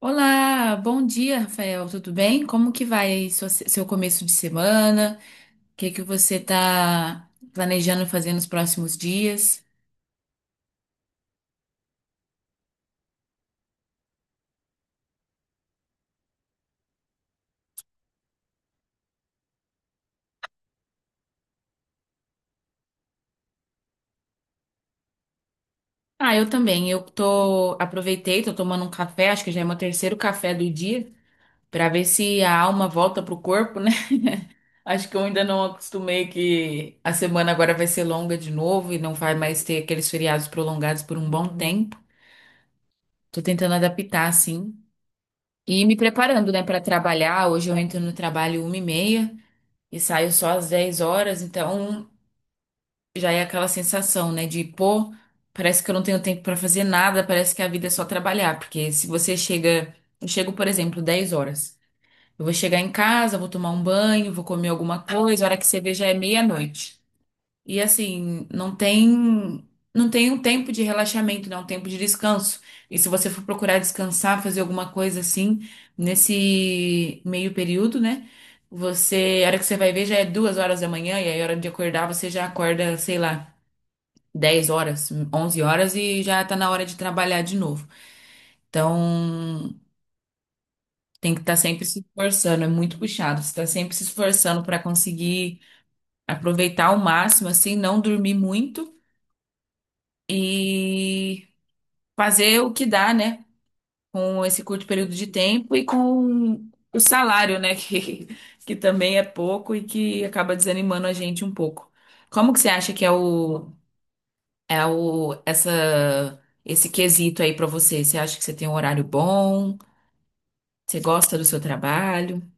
Olá, bom dia, Rafael. Tudo bem? Como que vai seu começo de semana? O que que você está planejando fazer nos próximos dias? Ah, eu também. Eu tô aproveitei, tô tomando um café, acho que já é meu terceiro café do dia, para ver se a alma volta pro corpo, né? Acho que eu ainda não acostumei que a semana agora vai ser longa de novo e não vai mais ter aqueles feriados prolongados por um bom tempo. Tô tentando adaptar, assim. E me preparando, né, para trabalhar. Hoje eu entro no trabalho 1h30 e saio só às 10 horas, então já é aquela sensação, né, de pô, parece que eu não tenho tempo para fazer nada, parece que a vida é só trabalhar, porque se você chega, eu chego, por exemplo, 10 horas. Eu vou chegar em casa, vou tomar um banho, vou comer alguma coisa, a hora que você vê já é meia-noite. E assim, não tem um tempo de relaxamento, não, um tempo de descanso. E se você for procurar descansar, fazer alguma coisa assim, nesse meio período, né? Você, a hora que você vai ver já é 2 horas da manhã, e aí a hora de acordar você já acorda, sei lá, 10 horas, 11 horas e já tá na hora de trabalhar de novo. Então, tem que estar sempre se esforçando, é muito puxado. Você está sempre se esforçando para conseguir aproveitar ao máximo, assim, não dormir muito. E fazer o que dá, né? Com esse curto período de tempo e com o salário, né? Que também é pouco e que acaba desanimando a gente um pouco. Como que você acha que é esse quesito aí pra você? Você acha que você tem um horário bom? Você gosta do seu trabalho? O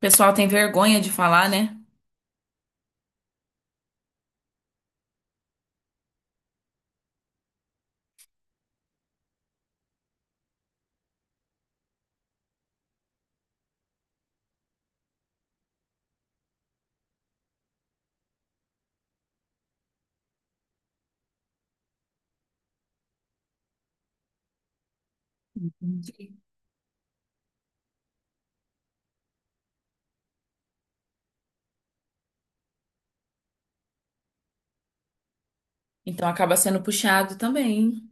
pessoal tem vergonha de falar, né? Então acaba sendo puxado também.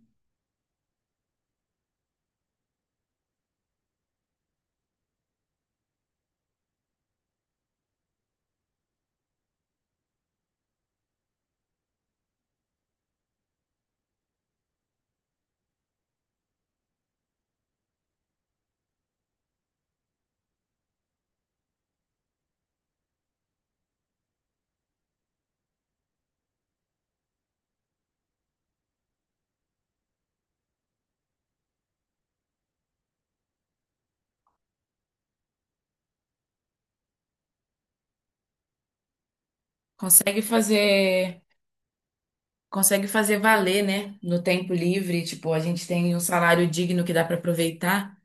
Consegue fazer. Consegue fazer valer, né? No tempo livre, tipo, a gente tem um salário digno que dá para aproveitar.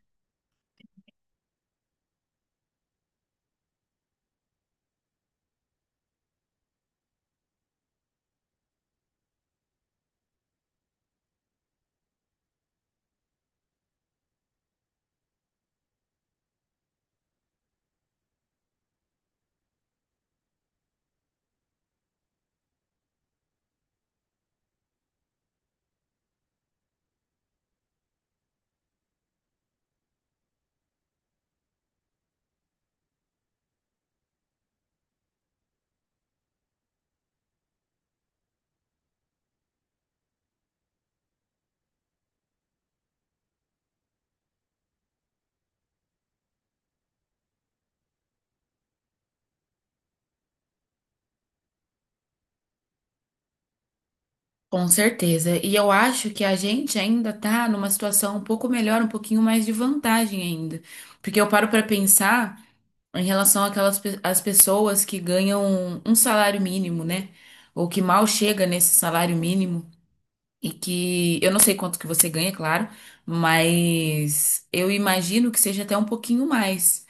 Com certeza. E eu acho que a gente ainda tá numa situação um pouco melhor, um pouquinho mais de vantagem ainda. Porque eu paro para pensar em relação às pessoas que ganham um salário mínimo, né? Ou que mal chega nesse salário mínimo. E que eu não sei quanto que você ganha, claro, mas eu imagino que seja até um pouquinho mais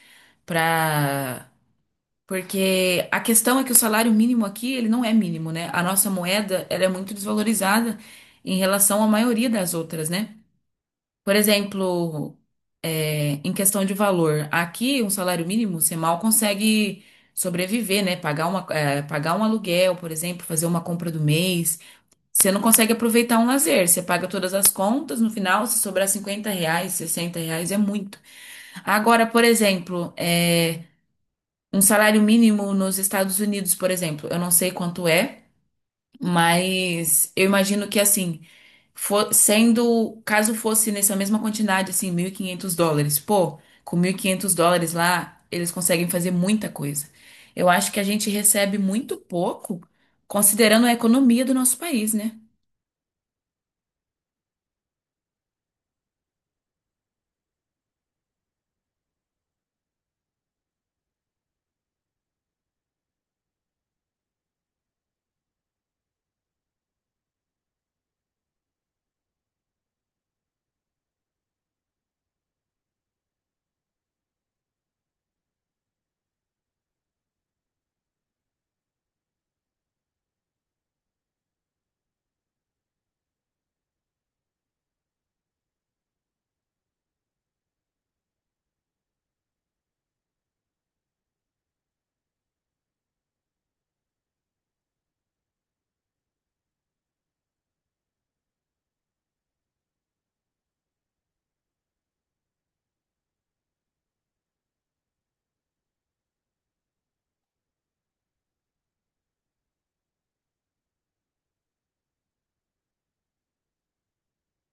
para Porque a questão é que o salário mínimo aqui, ele não é mínimo, né? A nossa moeda, ela é muito desvalorizada em relação à maioria das outras, né? Por exemplo, em questão de valor, aqui um salário mínimo você mal consegue sobreviver, né? Pagar um aluguel, por exemplo, fazer uma compra do mês. Você não consegue aproveitar um lazer, você paga todas as contas, no final, se sobrar R$ 50, R$ 60, é muito. Agora, por exemplo. Um salário mínimo nos Estados Unidos, por exemplo, eu não sei quanto é, mas eu imagino que assim, sendo, caso fosse nessa mesma quantidade, assim, US$ 1.500, pô, com US$ 1.500 lá, eles conseguem fazer muita coisa. Eu acho que a gente recebe muito pouco, considerando a economia do nosso país, né?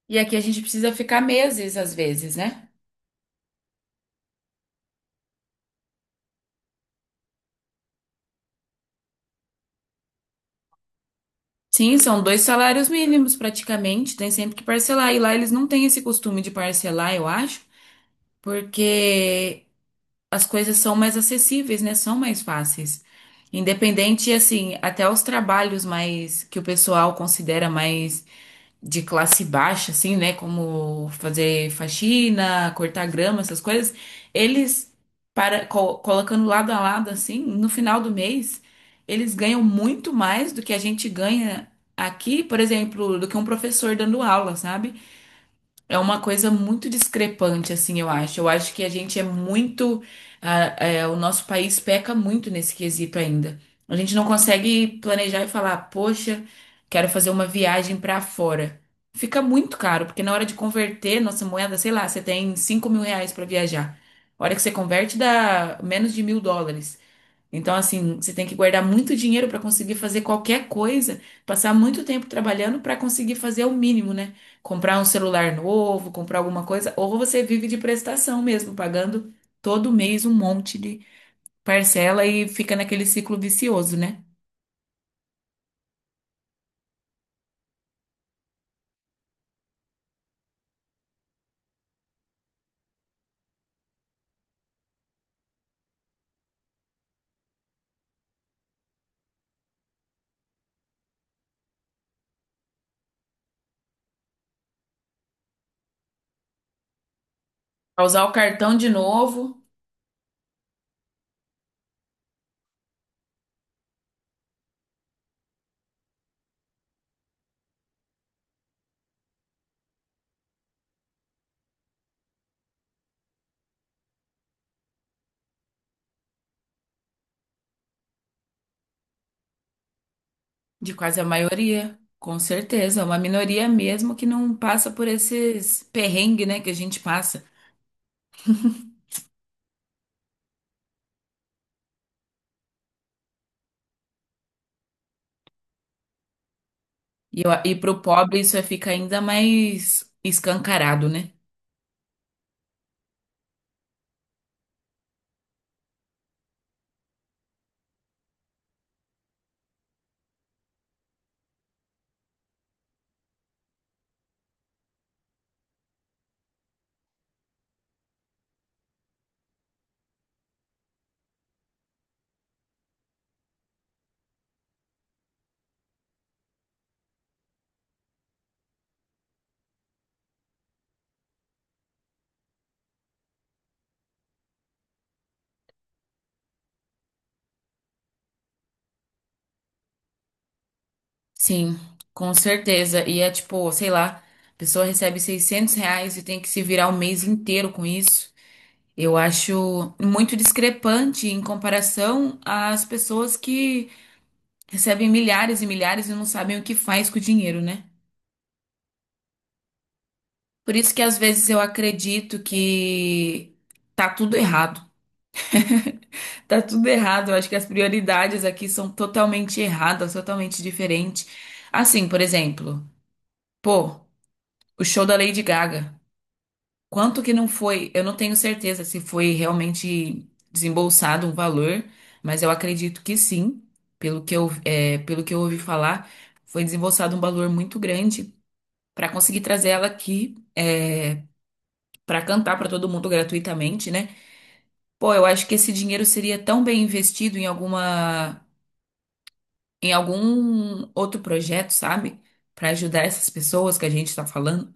E aqui a gente precisa ficar meses, às vezes, né? Sim, são dois salários mínimos praticamente, tem sempre que parcelar. E lá eles não têm esse costume de parcelar, eu acho. Porque as coisas são mais acessíveis, né? São mais fáceis. Independente, assim, até os trabalhos mais que o pessoal considera mais de classe baixa, assim, né? Como fazer faxina, cortar grama, essas coisas, eles colocando lado a lado, assim, no final do mês, eles ganham muito mais do que a gente ganha aqui, por exemplo, do que um professor dando aula, sabe? É uma coisa muito discrepante, assim, eu acho. Eu acho que a gente é muito. Ah, o nosso país peca muito nesse quesito ainda. A gente não consegue planejar e falar, poxa, quero fazer uma viagem pra fora. Fica muito caro, porque na hora de converter nossa moeda, sei lá, você tem R$ 5.000 pra viajar. A hora que você converte, dá menos de US$ 1.000. Então, assim, você tem que guardar muito dinheiro para conseguir fazer qualquer coisa, passar muito tempo trabalhando para conseguir fazer o mínimo, né? Comprar um celular novo, comprar alguma coisa, ou você vive de prestação mesmo, pagando todo mês um monte de parcela e fica naquele ciclo vicioso, né? Pra usar o cartão de novo, de quase a maioria, com certeza, é uma minoria mesmo que não passa por esses perrengues, né, que a gente passa. E pro pobre isso fica ainda mais escancarado, né? Sim, com certeza. E é tipo, sei lá, a pessoa recebe R$ 600 e tem que se virar o mês inteiro com isso. Eu acho muito discrepante em comparação às pessoas que recebem milhares e milhares e não sabem o que faz com o dinheiro, né? Por isso que às vezes eu acredito que tá tudo errado. Tá tudo errado. Eu acho que as prioridades aqui são totalmente erradas, totalmente diferentes. Assim, por exemplo, pô, o show da Lady Gaga. Quanto que não foi? Eu não tenho certeza se foi realmente desembolsado um valor, mas eu acredito que sim, pelo que eu ouvi falar, foi desembolsado um valor muito grande para conseguir trazer ela aqui, para cantar para todo mundo gratuitamente, né? Pô, eu acho que esse dinheiro seria tão bem investido em algum outro projeto, sabe? Para ajudar essas pessoas que a gente está falando.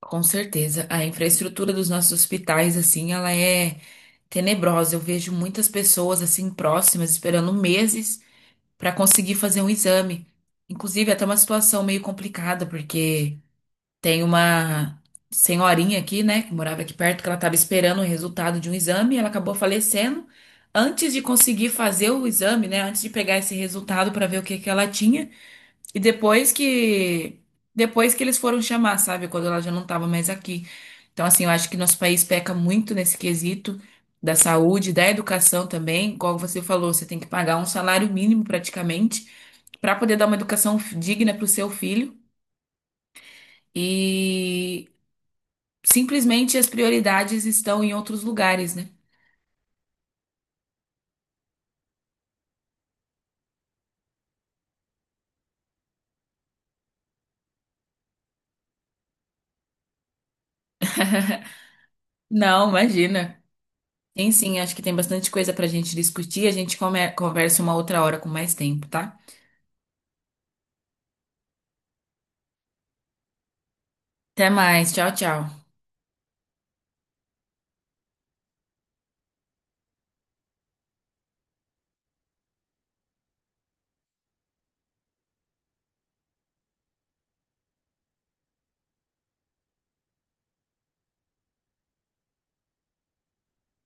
Com certeza, a infraestrutura dos nossos hospitais, assim, ela é tenebrosa. Eu vejo muitas pessoas assim próximas esperando meses para conseguir fazer um exame. Inclusive, é até uma situação meio complicada, porque tem uma senhorinha aqui, né, que morava aqui perto, que ela estava esperando o resultado de um exame, e ela acabou falecendo antes de conseguir fazer o exame, né, antes de pegar esse resultado para ver o que que ela tinha. E depois que eles foram chamar, sabe, quando ela já não estava mais aqui. Então, assim, eu acho que nosso país peca muito nesse quesito da saúde, da educação também. Como você falou, você tem que pagar um salário mínimo praticamente para poder dar uma educação digna para o seu filho. E simplesmente as prioridades estão em outros lugares, né? Não, imagina. Tem sim, acho que tem bastante coisa pra gente discutir. A gente conversa uma outra hora com mais tempo, tá? Até mais. Tchau, tchau.